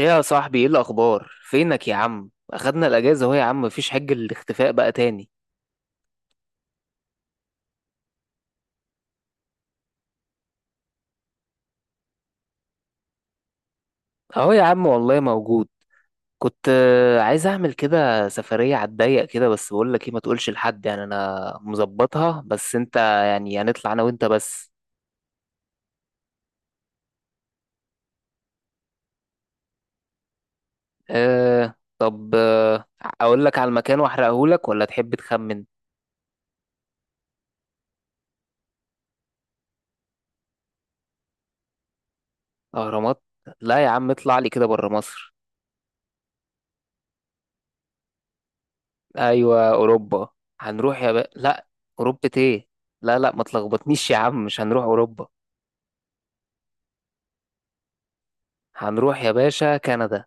ايه يا صاحبي، ايه الاخبار؟ فينك يا عم؟ اخدنا الاجازه اهو يا عم، مفيش حج، الاختفاء بقى تاني. اهو يا عم والله موجود. كنت عايز اعمل كده سفريه على الضيق كده، بس بقول لك ايه، ما تقولش لحد، يعني انا مظبطها بس انت، يعني هنطلع انا وانت بس. أه، طب، اقول لك على المكان واحرقه لك، ولا تحب تخمن؟ اهرامات. لا يا عم، اطلع لي كده بره مصر. ايوه، اوروبا. هنروح يا بقى، لا. اوروبا ايه؟ لا، لا، ما تلخبطنيش يا عم، مش هنروح اوروبا. هنروح يا باشا كندا.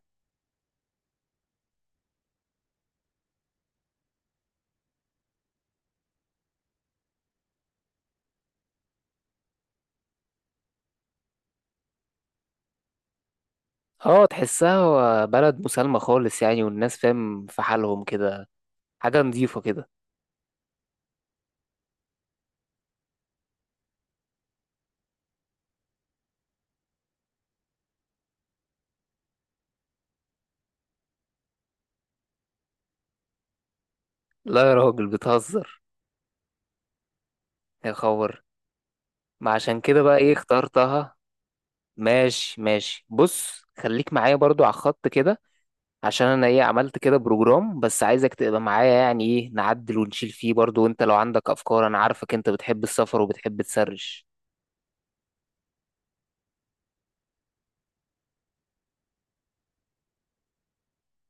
اه، تحسها بلد مسالمة خالص يعني، والناس فاهم في حالهم كده. حاجة نظيفة كده. لا يا راجل، بتهزر. يا خبر. ما عشان كده بقى ايه اخترتها. ماشي، ماشي، بص خليك معايا برضو على الخط كده. عشان انا ايه عملت كده بروجرام، بس عايزك تبقى معايا، يعني ايه نعدل ونشيل فيه برضو، وانت لو عندك افكار انا عارفك انت بتحب السفر وبتحب تسرش.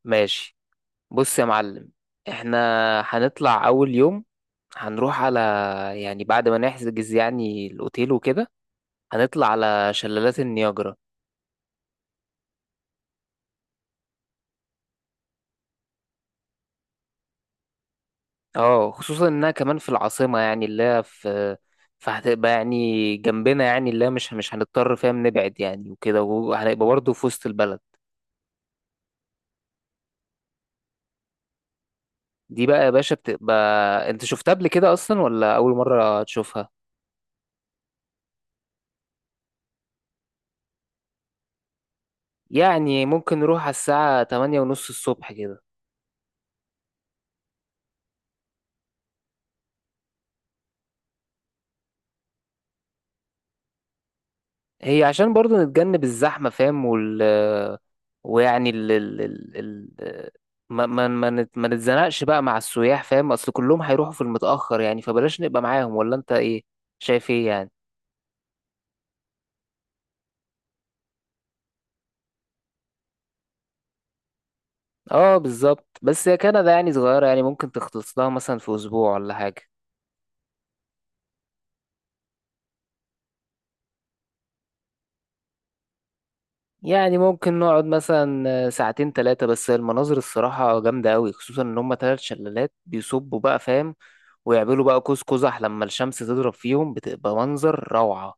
ماشي. بص يا معلم. احنا هنطلع اول يوم، هنروح على، يعني بعد ما نحجز يعني الأوتيل وكده، هنطلع على شلالات النياجرا. اه، خصوصا إنها كمان في العاصمة، يعني اللي هي في، فهتبقى يعني جنبنا، يعني اللي هي مش هنضطر فاهم نبعد يعني وكده، وهنبقى برضه في وسط البلد. دي بقى يا باشا بتبقى، انت شفتها قبل كده أصلا ولا أول مرة تشوفها؟ يعني ممكن نروح على الساعة 8:30 الصبح كده. هي عشان برضو نتجنب الزحمة فاهم، ويعني ال ال ال ال ما نتزنقش بقى مع السياح، فاهم، اصل كلهم هيروحوا في المتأخر يعني، فبلاش نبقى معاهم، ولا انت ايه شايف ايه يعني؟ اه بالظبط، بس هي كندا يعني صغيرة، يعني ممكن تخلص لها مثلا في اسبوع ولا حاجة. يعني ممكن نقعد مثلا ساعتين ثلاثة، بس المناظر الصراحة جامدة أوي، خصوصا إن هما 3 شلالات بيصبوا بقى فاهم، ويعملوا بقى قوس قزح لما الشمس تضرب فيهم بتبقى منظر روعة.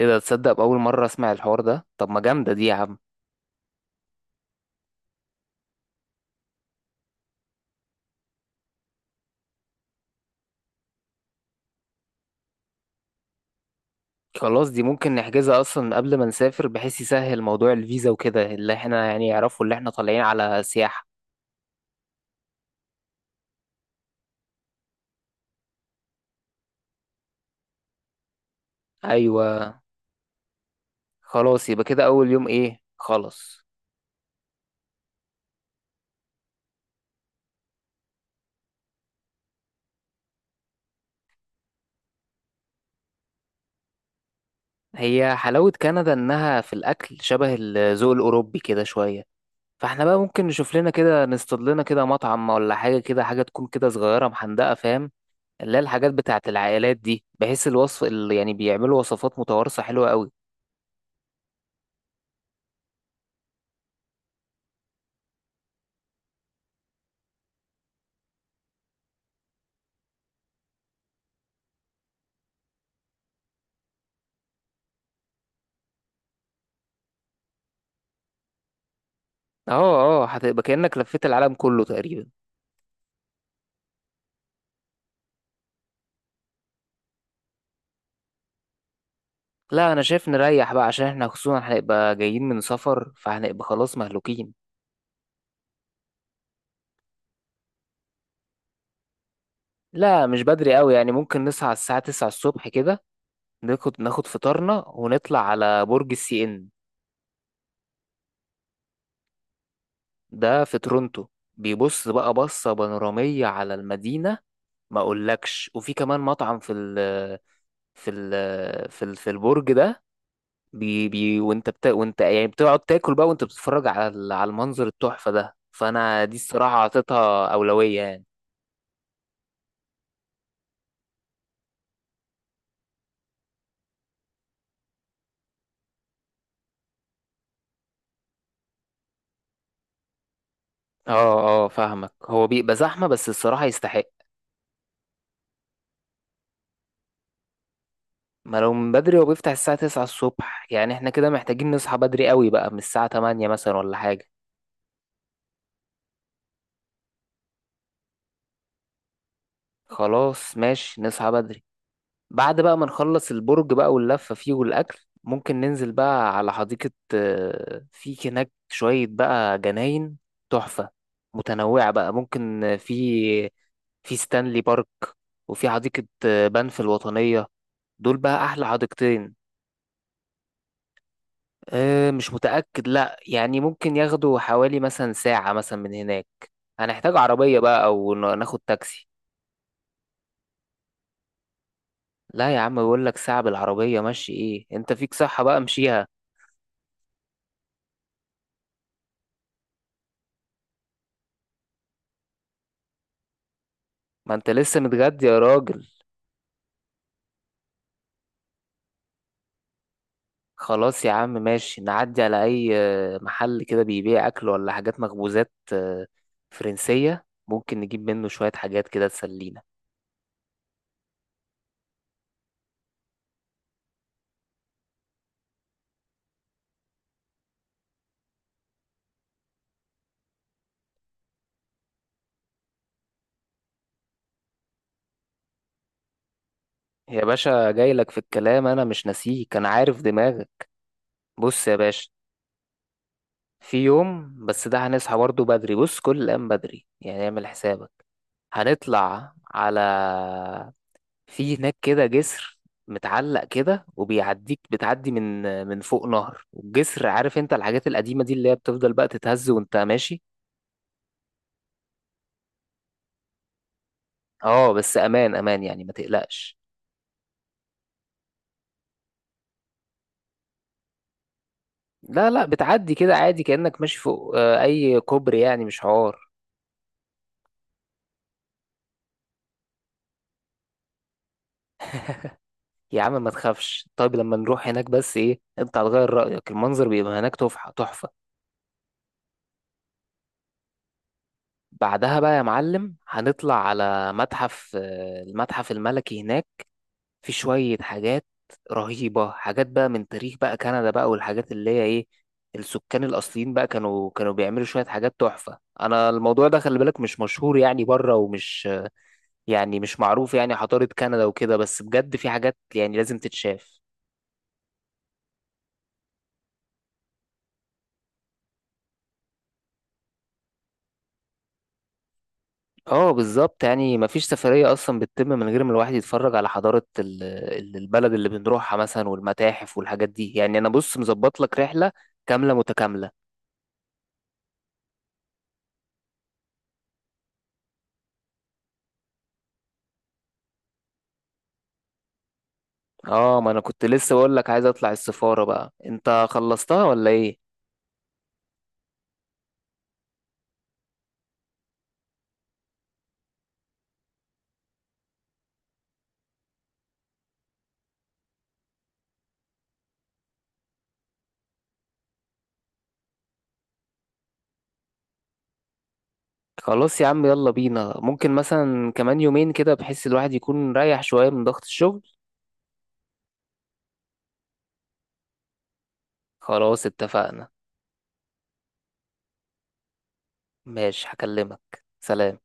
ايه ده؟ تصدق بأول مرة اسمع الحوار ده، طب ما جامدة دي يا عم. خلاص، دي ممكن نحجزها اصلا قبل ما نسافر، بحيث يسهل موضوع الفيزا وكده، اللي احنا يعني يعرفوا اللي احنا طالعين على سياحة. ايوه. خلاص يبقى كده اول يوم ايه، خلاص. هي حلاوة كندا انها في الاكل شبه الذوق الاوروبي كده شوية، فاحنا بقى ممكن نشوف لنا كده، نصطاد لنا كده مطعم ولا حاجة، كده حاجة تكون كده صغيرة محندقة فاهم، اللي هي الحاجات بتاعت العائلات دي، بحيث الوصف اللي يعني بيعملوا وصفات متوارثة حلوة قوي. اه، اه، هتبقى كأنك لفيت العالم كله تقريبا. لا، انا شايف نريح بقى، عشان احنا خصوصا هنبقى جايين من سفر، فهنبقى خلاص مهلوكين. لا مش بدري قوي يعني، ممكن نصحى على الساعة 9 الصبح كده. ناخد فطارنا ونطلع على برج السي ان. ده في تورونتو. بيبص بقى بصة بانورامية على المدينة، ما اقولكش، وفي كمان مطعم في البرج ده. بي بي وانت يعني بتقعد تاكل بقى، وانت بتتفرج على على المنظر التحفة ده، فانا دي الصراحة اعطيتها أولوية يعني. اه، اه، فاهمك، هو بيبقى زحمة بس الصراحة يستحق. ما لو من بدري، هو بيفتح الساعة 9 الصبح، يعني احنا كده محتاجين نصحى بدري قوي بقى من الساعة 8 مثلا ولا حاجة. خلاص ماشي نصحى بدري. بعد بقى ما نخلص البرج بقى واللفة فيه والأكل، ممكن ننزل بقى على حديقة، في هناك شوية بقى جناين تحفة متنوعة بقى، ممكن في في ستانلي بارك، وفي حديقة بنف الوطنية، دول بقى أحلى حديقتين. أه مش متأكد، لأ يعني ممكن ياخدوا حوالي مثلا ساعة مثلا من هناك. هنحتاج عربية بقى، أو ناخد تاكسي. لا يا عم، بقول لك ساعة بالعربية ماشي، إيه، أنت فيك صحة بقى مشيها. ما انت لسه متغدي يا راجل. خلاص يا عم ماشي، نعدي على اي محل كده بيبيع اكل، ولا حاجات مخبوزات فرنسية، ممكن نجيب منه شوية حاجات كده تسلينا. يا باشا جاي لك في الكلام، انا مش ناسيك، انا عارف دماغك. بص يا باشا. في يوم، بس ده هنصحى برضه بدري، بص كل الأيام بدري يعني اعمل حسابك. هنطلع على، في هناك كده جسر متعلق كده وبيعديك، بتعدي من فوق نهر، والجسر، عارف انت الحاجات القديمة دي اللي هي بتفضل بقى تتهز وانت ماشي. اه بس امان امان يعني، ما تقلقش. لا، لا، بتعدي كده عادي كأنك ماشي فوق اي كوبري، يعني مش حوار. يا عم ما تخافش، طيب لما نروح هناك بس ايه انت هتغير رأيك، المنظر بيبقى هناك تحفة تحفة. بعدها بقى يا معلم، هنطلع على متحف المتحف الملكي هناك. في شوية حاجات رهيبة، حاجات بقى من تاريخ بقى كندا بقى، والحاجات اللي هي ايه، السكان الأصليين بقى كانوا بيعملوا شوية حاجات تحفة. أنا الموضوع ده خلي بالك مش مشهور يعني بره، ومش يعني مش معروف يعني حضارة كندا وكده، بس بجد في حاجات يعني لازم تتشاف. اه بالظبط يعني، مفيش سفرية أصلا بتتم من غير ما الواحد يتفرج على حضارة البلد اللي بنروحها مثلا، والمتاحف والحاجات دي يعني، أنا بص مظبط لك رحلة كاملة متكاملة. اه، ما أنا كنت لسه بقول لك عايز أطلع السفارة بقى، أنت خلصتها ولا إيه؟ خلاص يا عم يلا بينا، ممكن مثلا كمان يومين كده، بحيث الواحد يكون رايح شوية من ضغط الشغل. خلاص اتفقنا. ماشي هكلمك. سلام.